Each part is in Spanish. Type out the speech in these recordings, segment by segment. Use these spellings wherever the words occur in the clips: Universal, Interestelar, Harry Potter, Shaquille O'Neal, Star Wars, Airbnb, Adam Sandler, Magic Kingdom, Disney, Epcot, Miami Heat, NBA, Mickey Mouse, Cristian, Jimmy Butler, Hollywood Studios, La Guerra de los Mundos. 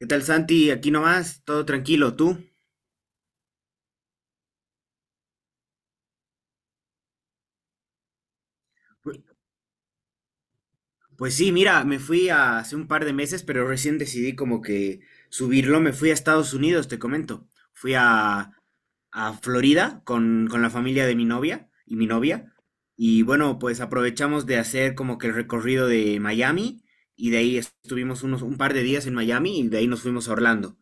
¿Qué tal, Santi? Aquí nomás, todo tranquilo, ¿tú? Pu- Pues sí, mira, hace un par de meses, pero recién decidí como que subirlo. Me fui a Estados Unidos, te comento. Fui a Florida con la familia de mi novia. Y bueno, pues aprovechamos de hacer como que el recorrido de Miami y de ahí estuvimos unos, un par de días en Miami y de ahí nos fuimos a Orlando.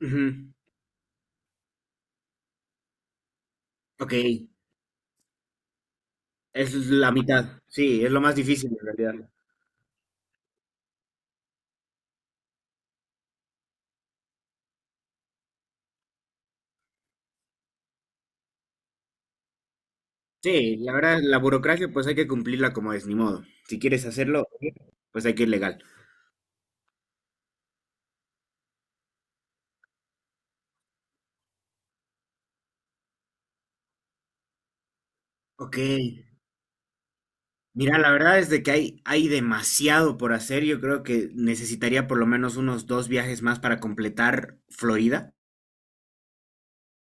Ujú. Ok, es la mitad. Sí, es lo más difícil en realidad. Sí, la verdad, la burocracia pues hay que cumplirla como es, ni modo. Si quieres hacerlo, pues hay que ir legal. Ok, mira, la verdad es de que hay demasiado por hacer. Yo creo que necesitaría por lo menos unos dos viajes más para completar Florida.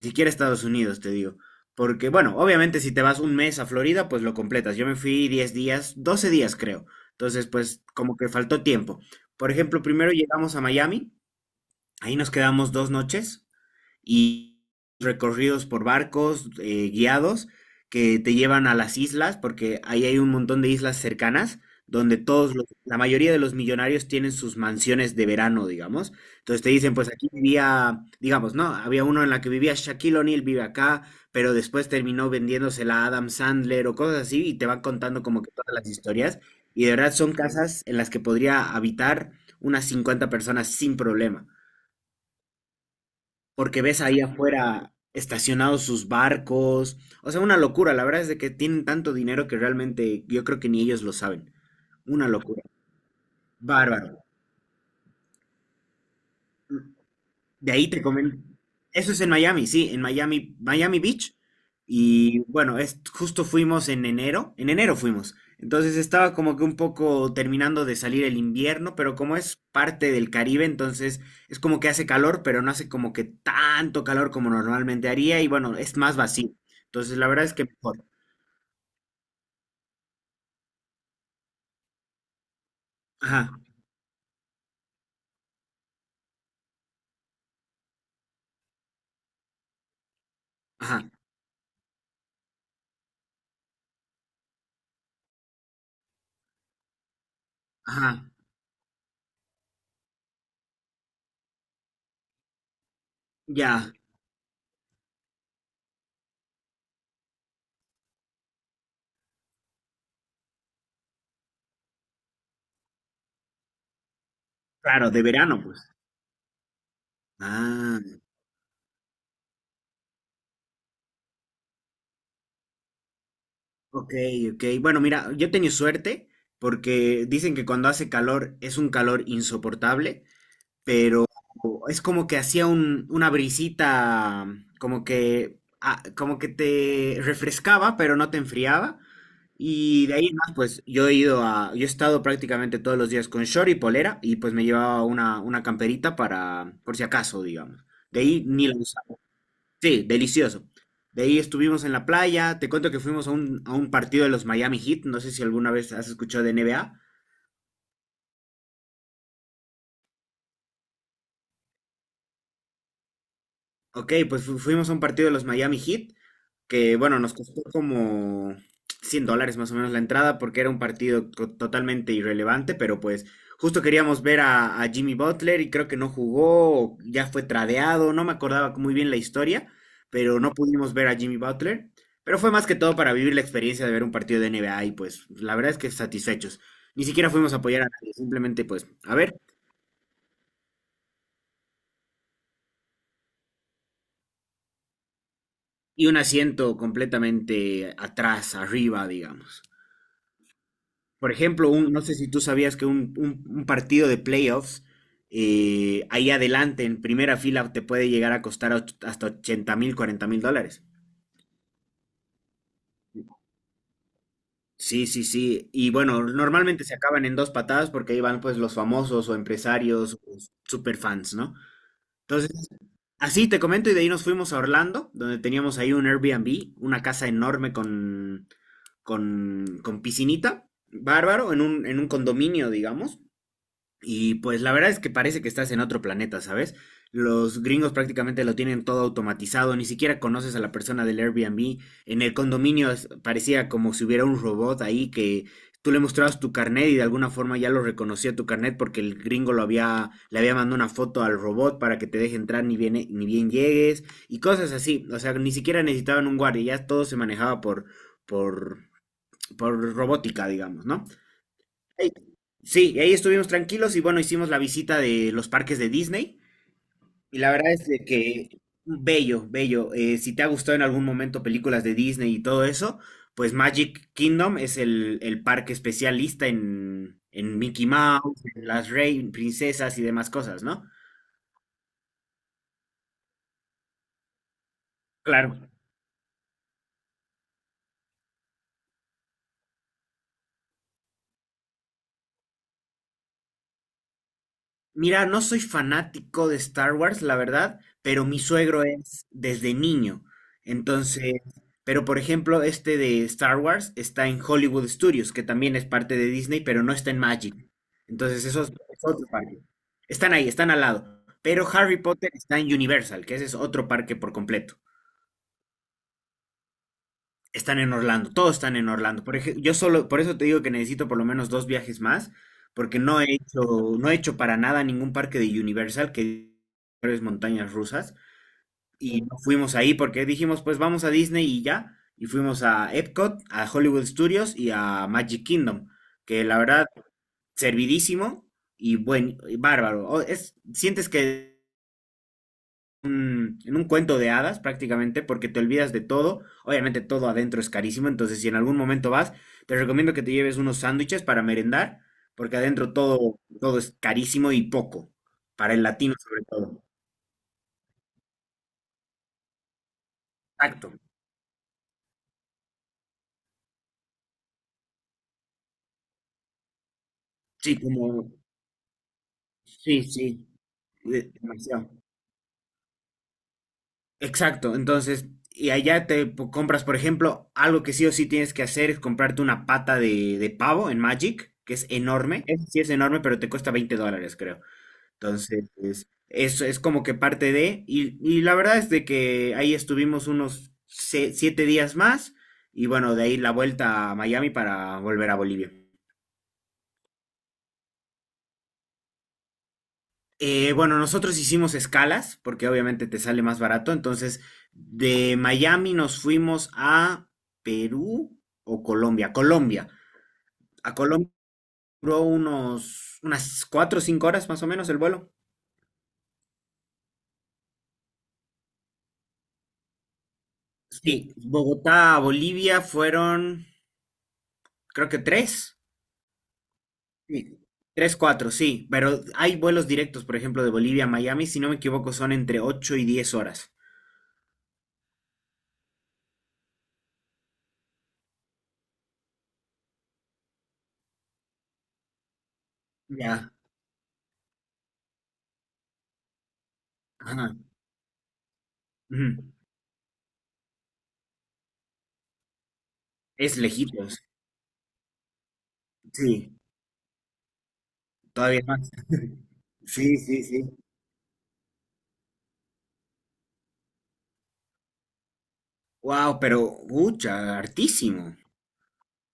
Si quieres Estados Unidos, te digo. Porque, bueno, obviamente si te vas un mes a Florida, pues lo completas. Yo me fui 10 días, 12 días creo. Entonces, pues como que faltó tiempo. Por ejemplo, primero llegamos a Miami, ahí nos quedamos 2 noches. Y recorridos por barcos guiados que te llevan a las islas, porque ahí hay un montón de islas cercanas donde la mayoría de los millonarios tienen sus mansiones de verano, digamos. Entonces te dicen, pues aquí vivía, digamos, ¿no? Había uno en la que vivía Shaquille O'Neal, vive acá, pero después terminó vendiéndosela a Adam Sandler o cosas así, y te van contando como que todas las historias. Y de verdad son casas en las que podría habitar unas 50 personas sin problema porque ves ahí afuera estacionados sus barcos. O sea, una locura. La verdad es de que tienen tanto dinero que realmente yo creo que ni ellos lo saben. Una locura. Bárbaro. De ahí te comento. Eso es en Miami, sí, en Miami, Miami Beach. Y bueno, es, justo fuimos en enero fuimos. Entonces estaba como que un poco terminando de salir el invierno, pero como es parte del Caribe, entonces es como que hace calor, pero no hace como que tanto calor como normalmente haría y bueno, es más vacío. Entonces la verdad es que mejor. Ajá, ajá, ajá. Ya, claro, de verano pues. Ah. Ok, ok. Bueno, mira, yo he tenido suerte porque dicen que cuando hace calor es un calor insoportable, pero es como que hacía un, una brisita, como que, ah, como que te refrescaba, pero no te enfriaba. Y de ahí en más, pues yo he ido a, yo he estado prácticamente todos los días con short y polera y pues me llevaba una camperita para, por si acaso, digamos. De ahí ni la usaba. Sí, delicioso. De ahí estuvimos en la playa. Te cuento que fuimos a un partido de los Miami Heat. No sé si alguna vez has escuchado de NBA. Ok, pues fuimos a un partido de los Miami Heat, que bueno, nos costó como $100 más o menos la entrada porque era un partido totalmente irrelevante, pero pues justo queríamos ver a Jimmy Butler y creo que no jugó, o ya fue tradeado, no me acordaba muy bien la historia, pero no pudimos ver a Jimmy Butler, pero fue más que todo para vivir la experiencia de ver un partido de NBA y pues la verdad es que satisfechos. Ni siquiera fuimos a apoyar a nadie, simplemente pues a ver, y un asiento completamente atrás, arriba, digamos. Por ejemplo, un, no sé si tú sabías que un, un partido de playoffs, ahí adelante, en primera fila, te puede llegar a costar hasta 80.000, $40.000. Sí, sí, sí. Y bueno, normalmente se acaban en dos patadas porque ahí van pues los famosos o empresarios o superfans, ¿no? Entonces, así te comento y de ahí nos fuimos a Orlando, donde teníamos ahí un Airbnb, una casa enorme con piscinita, bárbaro, en un condominio, digamos. Y pues la verdad es que parece que estás en otro planeta, ¿sabes? Los gringos prácticamente lo tienen todo automatizado, ni siquiera conoces a la persona del Airbnb. En el condominio parecía como si hubiera un robot ahí que tú le mostrabas tu carnet y de alguna forma ya lo reconocía tu carnet porque el gringo lo había, le había mandado una foto al robot para que te deje entrar ni bien, ni bien llegues y cosas así. O sea, ni siquiera necesitaban un guardia, ya todo se manejaba por, por robótica, digamos, ¿no? Ey. Sí, y ahí estuvimos tranquilos y bueno, hicimos la visita de los parques de Disney y la verdad es de que bello, bello. Si te ha gustado en algún momento películas de Disney y todo eso, pues Magic Kingdom es el parque especialista en Mickey Mouse, en princesas y demás cosas, ¿no? Claro. Mira, no soy fanático de Star Wars, la verdad, pero mi suegro es desde niño. Entonces, pero por ejemplo, este de Star Wars está en Hollywood Studios, que también es parte de Disney, pero no está en Magic. Entonces, eso es otro parque. Están ahí, están al lado. Pero Harry Potter está en Universal, que ese es otro parque por completo, están en Orlando, todos están en Orlando. Por ejemplo, yo solo, por eso te digo que necesito por lo menos dos viajes más, porque no he hecho, no he hecho para nada ningún parque de Universal, que es montañas rusas, y no fuimos ahí porque dijimos, pues vamos a Disney y ya. Y fuimos a Epcot, a Hollywood Studios y a Magic Kingdom, que la verdad, servidísimo y bueno, y bárbaro. Es, sientes que en un cuento de hadas prácticamente, porque te olvidas de todo. Obviamente todo adentro es carísimo, entonces si en algún momento vas, te recomiendo que te lleves unos sándwiches para merendar, porque adentro todo, todo es carísimo y poco, para el latino sobre todo. Exacto. Sí, como, sí, sí, demasiado. Exacto, entonces, y allá te compras, por ejemplo, algo que sí o sí tienes que hacer es comprarte una pata de pavo en Magic, que es enorme. Ese sí es enorme, pero te cuesta $20, creo. Entonces, eso es como que parte de, y la verdad es de que ahí estuvimos unos 7 días más, y bueno, de ahí la vuelta a Miami para volver a Bolivia. Bueno, nosotros hicimos escalas, porque obviamente te sale más barato, entonces de Miami nos fuimos a Perú o Colombia, Colombia. A Colombia duró unos, unas 4 o 5 horas más o menos el vuelo. Sí, Bogotá a Bolivia fueron, creo que tres. Sí, tres, cuatro, sí, pero hay vuelos directos, por ejemplo, de Bolivia a Miami, si no me equivoco, son entre ocho y diez horas. Ya, ajá, ujú. Es lejitos, sí, todavía más. Sí, sí, sí. Wow, pero, ucha, hartísimo.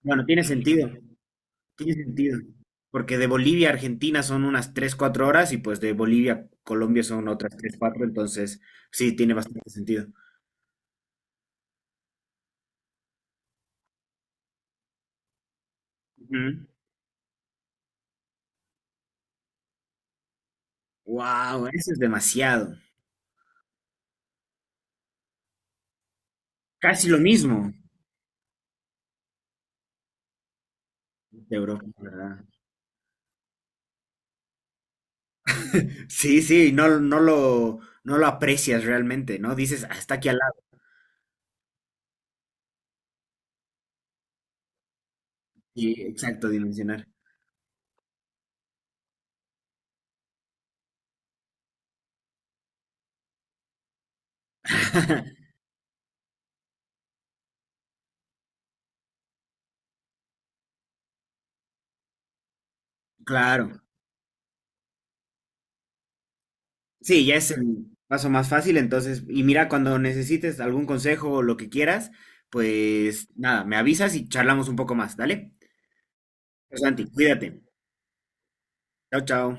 Bueno, tiene sentido, tiene sentido. Porque de Bolivia a Argentina son unas 3 o 4 horas y pues de Bolivia a Colombia son otras 3 cuatro, entonces sí, tiene bastante sentido. Wow, eso es demasiado. Casi lo mismo. De Europa, ¿verdad? Sí, sí, no, no lo aprecias realmente, ¿no? Dices, "Ah, está aquí al lado. Sí, exacto, dimensionar. Claro. Sí, ya es el paso más fácil, entonces, y mira, cuando necesites algún consejo o lo que quieras, pues nada, me avisas y charlamos un poco más, ¿dale? Pues, Santi, cuídate. Chao, chao.